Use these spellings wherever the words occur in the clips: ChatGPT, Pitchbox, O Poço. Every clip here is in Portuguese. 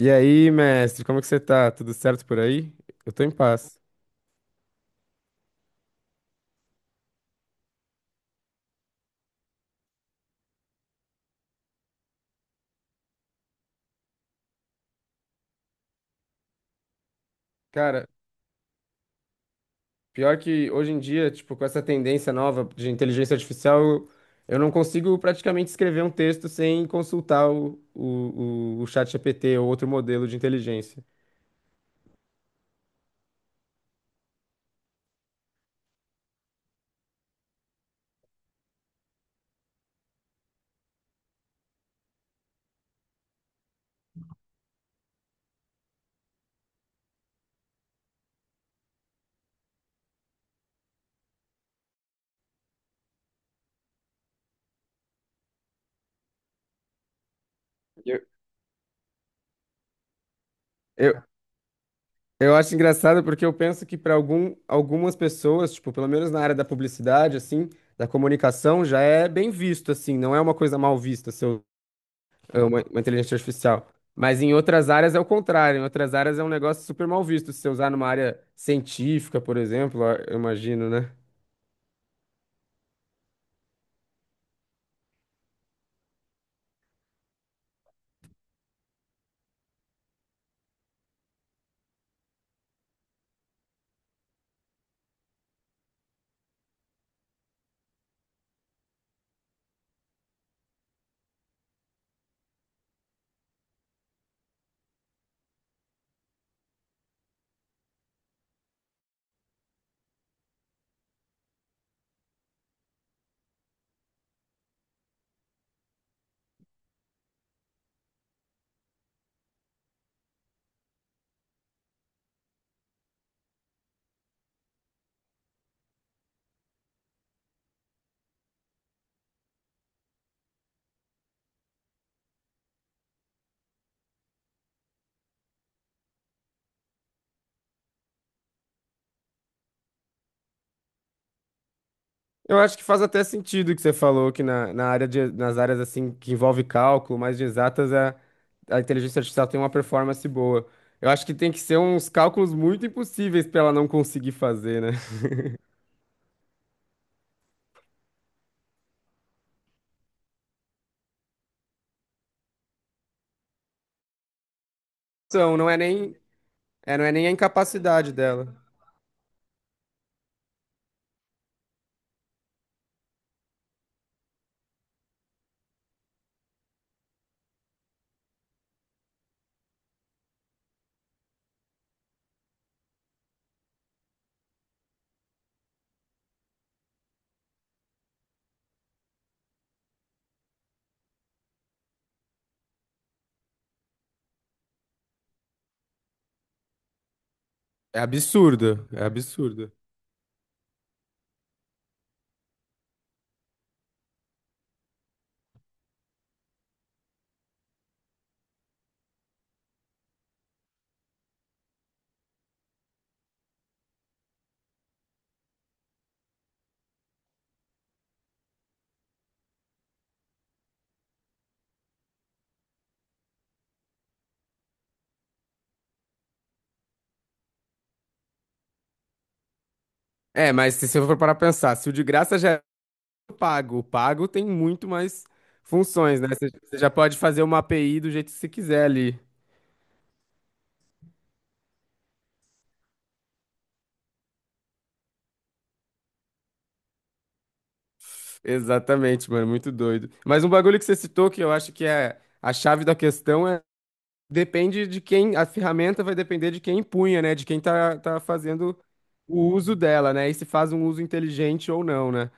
E aí, mestre, como que você tá? Tudo certo por aí? Eu tô em paz. Cara, pior que hoje em dia, tipo, com essa tendência nova de inteligência artificial, eu não consigo praticamente escrever um texto sem consultar o ChatGPT ou outro modelo de inteligência. Eu, eu, eu acho engraçado porque eu penso que para algumas pessoas, tipo, pelo menos na área da publicidade, assim, da comunicação, já é bem visto, assim, não é uma coisa mal vista, é uma inteligência artificial. Mas em outras áreas é o contrário. Em outras áreas é um negócio super mal visto. Se você usar numa área científica, por exemplo, eu imagino, né? Eu acho que faz até sentido o que você falou, que na área de, nas áreas assim que envolve cálculo, mais de exatas, a inteligência artificial tem uma performance boa. Eu acho que tem que ser uns cálculos muito impossíveis para ela não conseguir fazer, né? Então, não é nem, é, não é nem a incapacidade dela. É absurdo, é absurdo. É, mas se você for parar pra pensar, se o de graça já pago. O pago tem muito mais funções, né? Você já pode fazer uma API do jeito que você quiser ali. Exatamente, mano, muito doido. Mas um bagulho que você citou que eu acho que é a chave da questão é depende de quem, a ferramenta vai depender de quem empunha, né? De quem tá fazendo o uso dela, né? E se faz um uso inteligente ou não, né?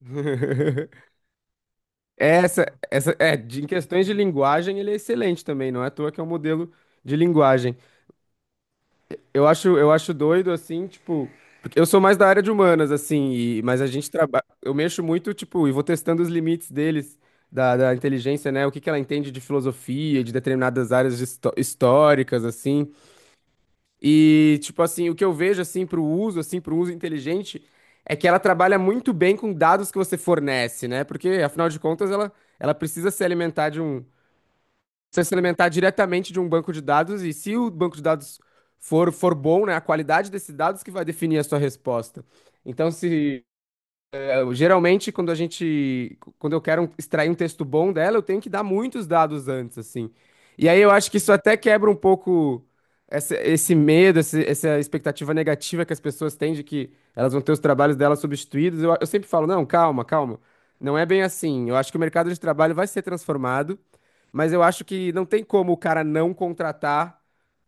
Em questões de linguagem, ele é excelente também, não é à toa que é um modelo de linguagem. Eu acho doido, assim, tipo. Porque eu sou mais da área de humanas, assim, mas a gente trabalha. Eu mexo muito, tipo, e vou testando os limites deles, da inteligência, né? O que que ela entende de filosofia, de determinadas áreas de históricas, assim. E, tipo, assim, o que eu vejo, assim, pro uso inteligente, é que ela trabalha muito bem com dados que você fornece, né? Porque, afinal de contas, ela precisa se alimentar você se alimentar diretamente de um banco de dados e se o banco de dados for bom, né, a qualidade desses dados que vai definir a sua resposta. Então, se geralmente, quando eu quero um, extrair um texto bom dela, eu tenho que dar muitos dados antes, assim. E aí eu acho que isso até quebra um pouco esse medo, essa expectativa negativa que as pessoas têm de que elas vão ter os trabalhos delas substituídos. Eu sempre falo, não, calma. Não é bem assim. Eu acho que o mercado de trabalho vai ser transformado, mas eu acho que não tem como o cara não contratar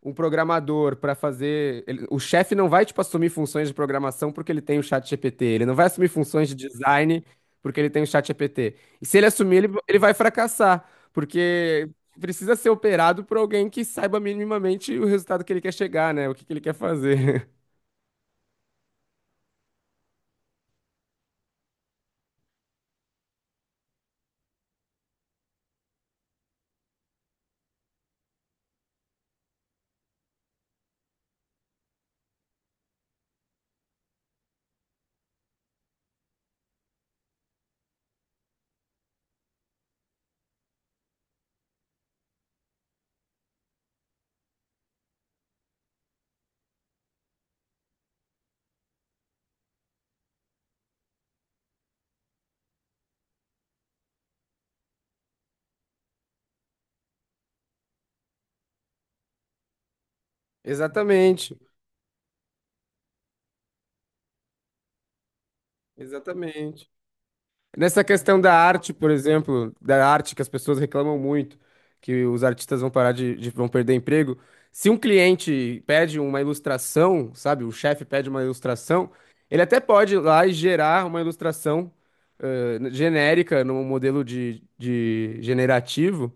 um programador para fazer. O chefe não vai, tipo, assumir funções de programação porque ele tem o chat GPT. Ele não vai assumir funções de design porque ele tem o chat GPT. E se ele assumir, ele vai fracassar, porque precisa ser operado por alguém que saiba minimamente o resultado que ele quer chegar, né? O que que ele quer fazer. Exatamente. Exatamente. Nessa questão da arte, por exemplo, da arte que as pessoas reclamam muito, que os artistas vão parar de, vão perder emprego. Se um cliente pede uma ilustração, sabe, o chefe pede uma ilustração, ele até pode ir lá e gerar uma ilustração eh, genérica, num modelo de generativo,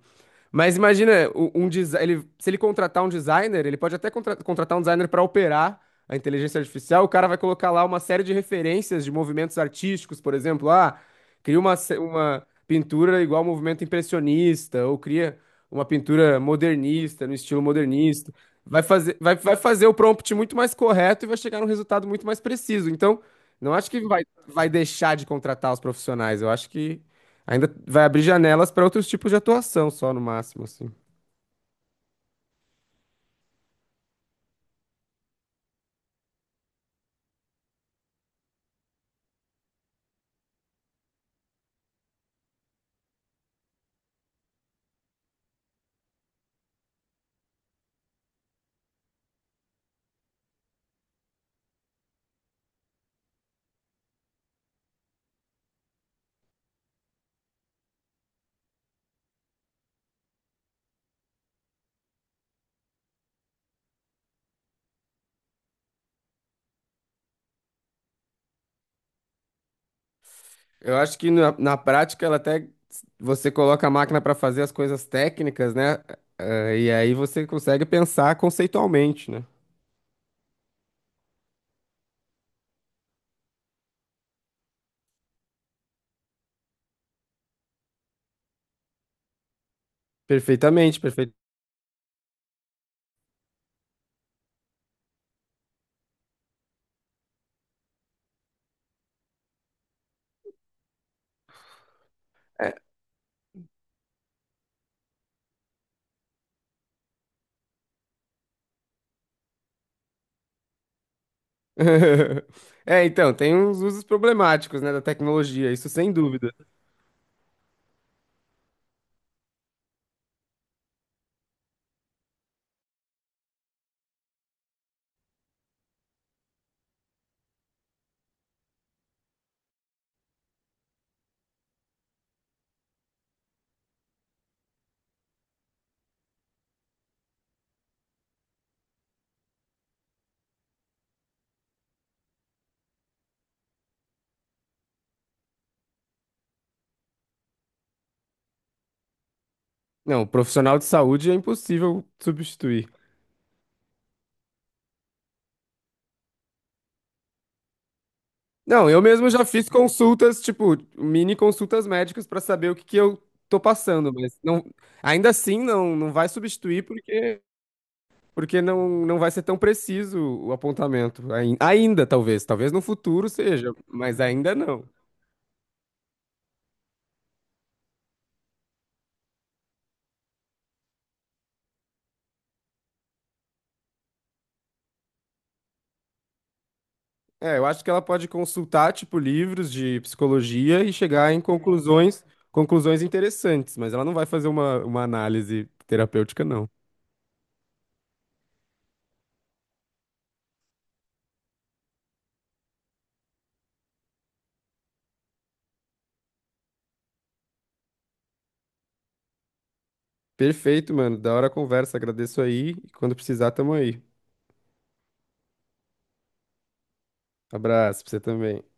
mas imagina, se ele contratar um designer, ele pode até contratar um designer para operar a inteligência artificial. O cara vai colocar lá uma série de referências de movimentos artísticos, por exemplo. Ah, cria uma, uma pintura igual ao movimento impressionista, ou cria uma pintura modernista, no estilo modernista. Vai fazer, vai fazer o prompt muito mais correto e vai chegar num resultado muito mais preciso. Então, não acho que vai deixar de contratar os profissionais. Eu acho que ainda vai abrir janelas para outros tipos de atuação só, no máximo, assim. Eu acho que na prática ela até você coloca a máquina para fazer as coisas técnicas, né? Eh, e aí você consegue pensar conceitualmente, né? Perfeitamente, perfeito. É. É, então, tem uns usos problemáticos, né, da tecnologia, isso sem dúvida. Não, profissional de saúde é impossível substituir. Não, eu mesmo já fiz consultas, tipo, mini consultas médicas pra saber o que que eu tô passando, mas não, ainda assim não, não vai substituir porque, porque não, não vai ser tão preciso o apontamento. Ainda, talvez no futuro seja, mas ainda não. É, eu acho que ela pode consultar, tipo, livros de psicologia e chegar em conclusões, conclusões interessantes, mas ela não vai fazer uma análise terapêutica, não. Perfeito, mano. Da hora a conversa. Agradeço aí. E quando precisar, tamo aí. Abraço pra você também.